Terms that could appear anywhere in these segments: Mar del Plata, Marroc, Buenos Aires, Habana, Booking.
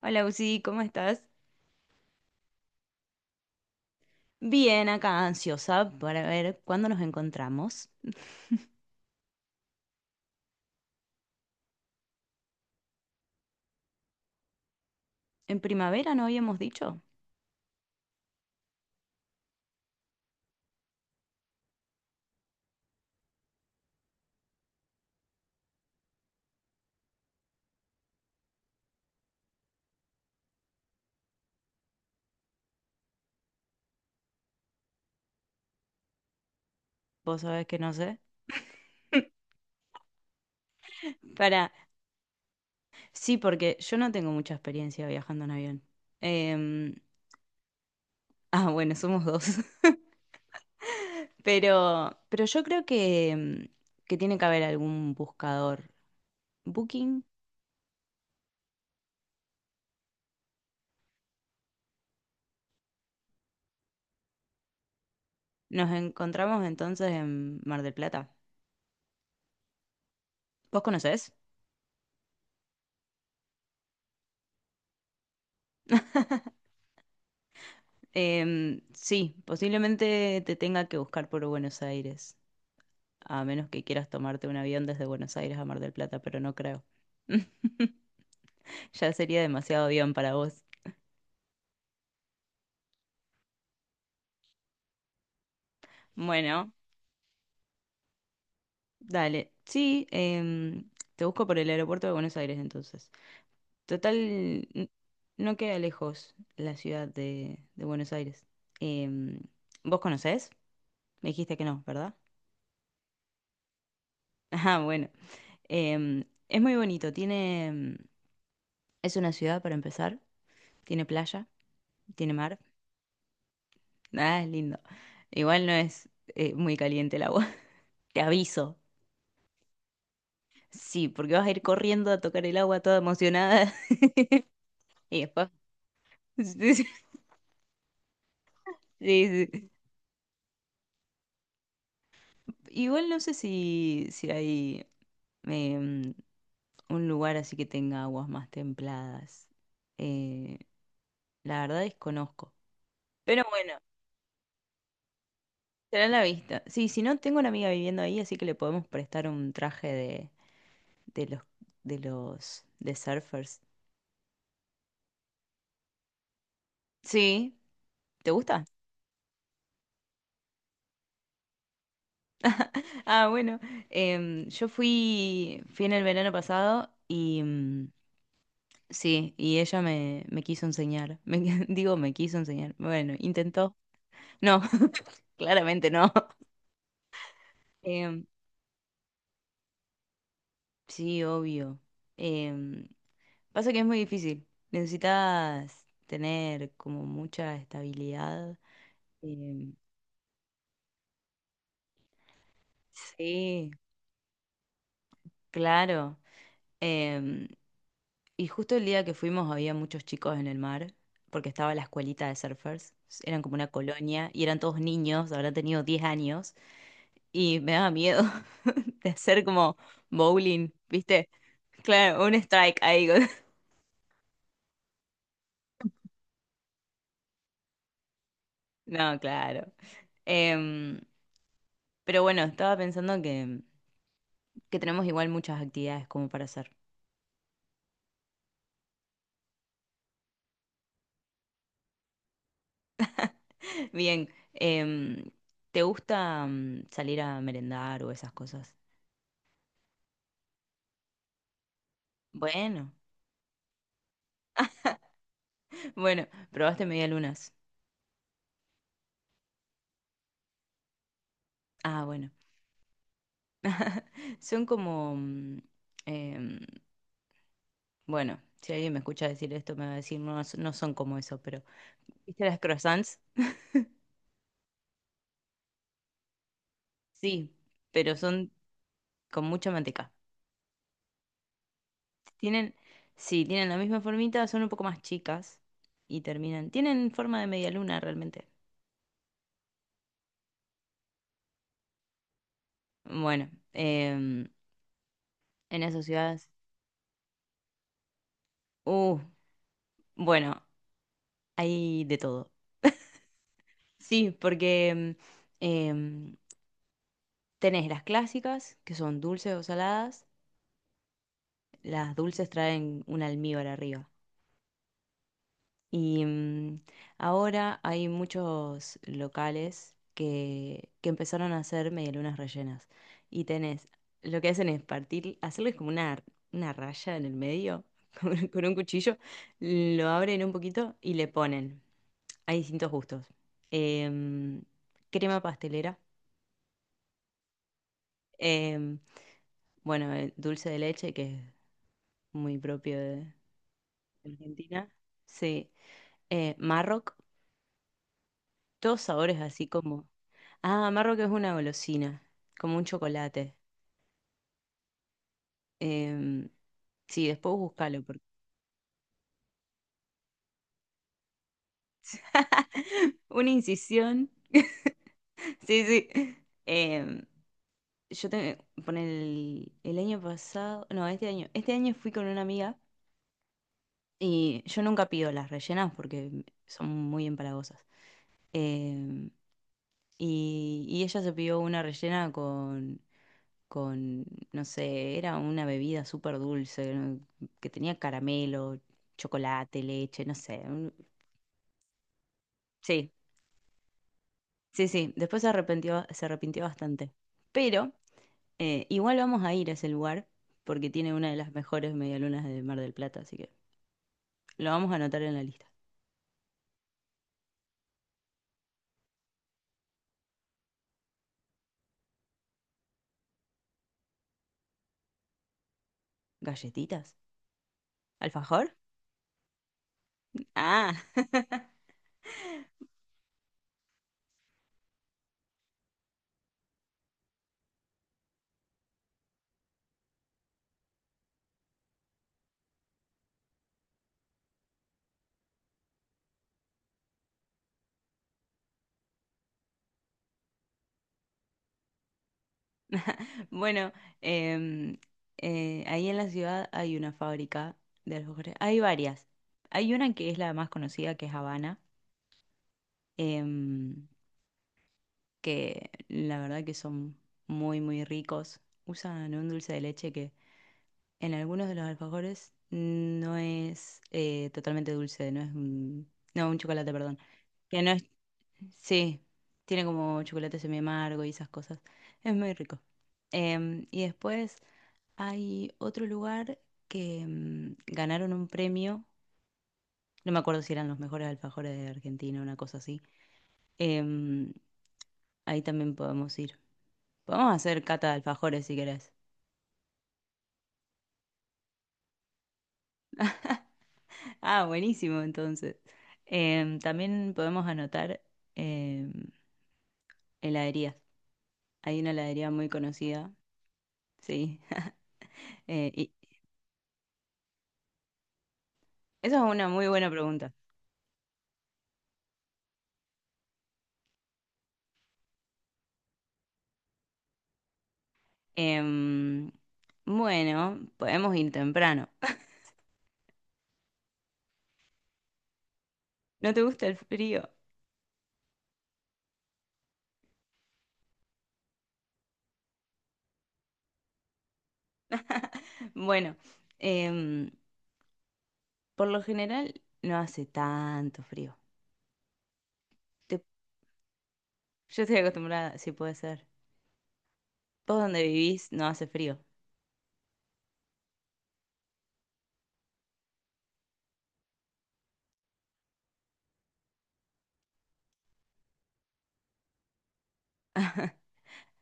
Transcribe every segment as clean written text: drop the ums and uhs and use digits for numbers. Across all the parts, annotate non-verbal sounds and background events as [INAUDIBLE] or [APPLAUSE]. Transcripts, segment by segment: Hola, Uzi, ¿cómo estás? Bien, acá ansiosa para ver cuándo nos encontramos. En primavera no habíamos dicho. Vos sabés que no sé. [LAUGHS] Para, sí, porque yo no tengo mucha experiencia viajando en avión. Em, [LAUGHS] ah, bueno, somos dos. [LAUGHS] Pero yo creo que, que tiene que haber algún buscador. Booking. Nos encontramos entonces en Mar del Plata. ¿Vos conocés? Sí, posiblemente te tenga que buscar por Buenos Aires, a menos que quieras tomarte un avión desde Buenos Aires a Mar del Plata, pero no creo. [LAUGHS] Ya sería demasiado avión para vos. Bueno, dale. Sí, te busco por el aeropuerto de Buenos Aires entonces. Total, n- no queda lejos la ciudad de Buenos Aires. Em, ¿Vos conocés? Me dijiste que no, ¿verdad? [LAUGHS] Ah, bueno. Es muy bonito. Tiene, es una ciudad para empezar. Tiene playa, tiene mar. Nada, es lindo. Igual no es muy caliente el agua. [LAUGHS] Te aviso. Sí, porque vas a ir corriendo a tocar el agua toda emocionada. [LAUGHS] Y después. [LAUGHS] Sí, sí, sí. Igual no sé si hay em, un lugar así que tenga aguas más templadas. Eh, la verdad desconozco. Pero bueno, será la vista. Sí, si no, tengo una amiga viviendo ahí, así que le podemos prestar un traje de de los, de surfers. Sí, ¿te gusta? Ah, bueno, yo fui en el verano pasado y sí, y ella me quiso enseñar. [LAUGHS] Digo, me quiso enseñar. Bueno, intentó. No, [LAUGHS] claramente no. Em, sí, obvio. Em, pasa que es muy difícil. Necesitas tener como mucha estabilidad. Em, sí, claro. Em, y justo el día que fuimos había muchos chicos en el mar, porque estaba la escuelita de surfers, eran como una colonia y eran todos niños, habrán tenido 10 años, y me daba miedo [LAUGHS] de hacer como bowling, ¿viste? Claro, un strike ahí. [LAUGHS] No, claro. Em, pero bueno, estaba pensando que tenemos igual muchas actividades como para hacer. [LAUGHS] Bien, em, ¿te gusta mm, salir a merendar o esas cosas? Bueno, [LAUGHS] bueno, probaste medialunas. Ah, bueno. [LAUGHS] Son como, em, bueno, si alguien me escucha decir esto me va a decir, no, no son como eso, pero ¿viste las croissants? Sí, pero son con mucha manteca. Tienen, sí, tienen la misma formita, son un poco más chicas y terminan, tienen forma de media luna realmente. Bueno, en esas ciudades, uh, bueno, hay de todo. Sí, porque em, tenés las clásicas, que son dulces o saladas. Las dulces traen un almíbar arriba. Y ahora hay muchos locales que empezaron a hacer medialunas rellenas. Y tenés, lo que hacen es partir, hacerles como una raya en el medio [LAUGHS] con un cuchillo, lo abren un poquito y le ponen. Hay distintos gustos. Em, crema pastelera. em, bueno, dulce de leche, que es muy propio de Argentina. Sí. Marroc, todos sabores así como... Ah, amargo que es una golosina, como un chocolate. Em, sí, después búscalo. Porque... [LAUGHS] una incisión. [LAUGHS] Sí, sí. Em, yo te, por el año pasado, no, este año fui con una amiga y yo nunca pido las rellenas porque son muy empalagosas. Em, y ella se pidió una rellena con no sé, era una bebida súper dulce, ¿no? Que tenía caramelo, chocolate, leche, no sé. Sí, sí, sí, después se arrepintió bastante. Pero igual vamos a ir a ese lugar porque tiene una de las mejores medialunas de Mar del Plata, así que lo vamos a anotar en la lista. ¿Galletitas? ¿Alfajor? Ah, [LAUGHS] bueno, em, ahí en la ciudad hay una fábrica de alfajores. Hay varias. Hay una que es la más conocida, que es Habana, em, que la verdad que son muy, muy ricos. Usan un dulce de leche que en algunos de los alfajores no es totalmente dulce, no es un, no, un chocolate, perdón. Que no es, sí, tiene como chocolate semi amargo y esas cosas. Es muy rico. Y después hay otro lugar que ganaron un premio. No me acuerdo si eran los mejores alfajores de Argentina, una cosa así. Em, ahí también podemos ir. Podemos hacer cata de alfajores si querés. Ah, buenísimo, entonces. También podemos anotar em, heladerías. Hay una heladería muy conocida, sí. [LAUGHS] Y esa es una muy buena pregunta. Em, bueno, podemos ir temprano. [LAUGHS] ¿No te gusta el frío? Bueno, em, por lo general no hace tanto frío. Te- yo estoy acostumbrada, si puede ser. Vos donde vivís no hace frío.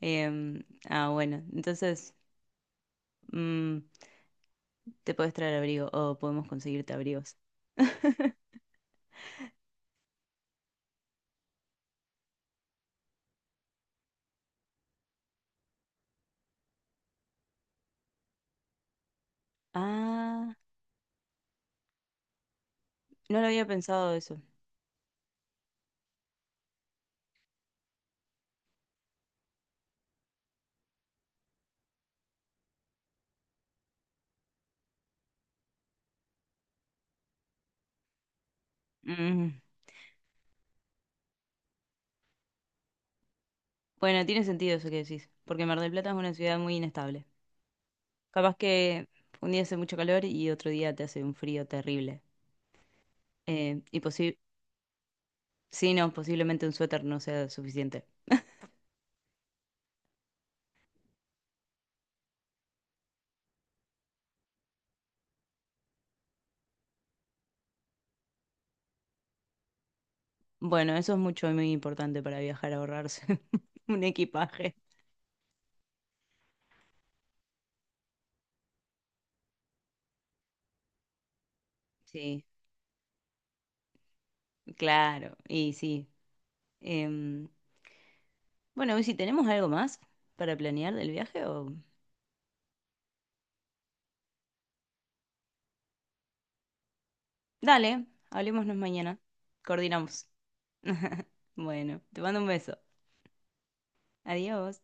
Em, ah, bueno, entonces... mm, te puedes traer abrigo o podemos conseguirte abrigos. [LAUGHS] Ah, no lo había pensado eso. Mm, bueno, tiene sentido eso que decís, porque Mar del Plata es una ciudad muy inestable. Capaz que un día hace mucho calor y otro día te hace un frío terrible. Y sí, no, posiblemente un suéter no sea suficiente. Bueno, eso es mucho y muy importante para viajar, ahorrarse [LAUGHS] un equipaje. Sí, claro, y sí. Em, bueno, ¿y si tenemos algo más para planear del viaje o...? Dale, hablémonos mañana. Coordinamos. [LAUGHS] Bueno, te mando un beso. Adiós.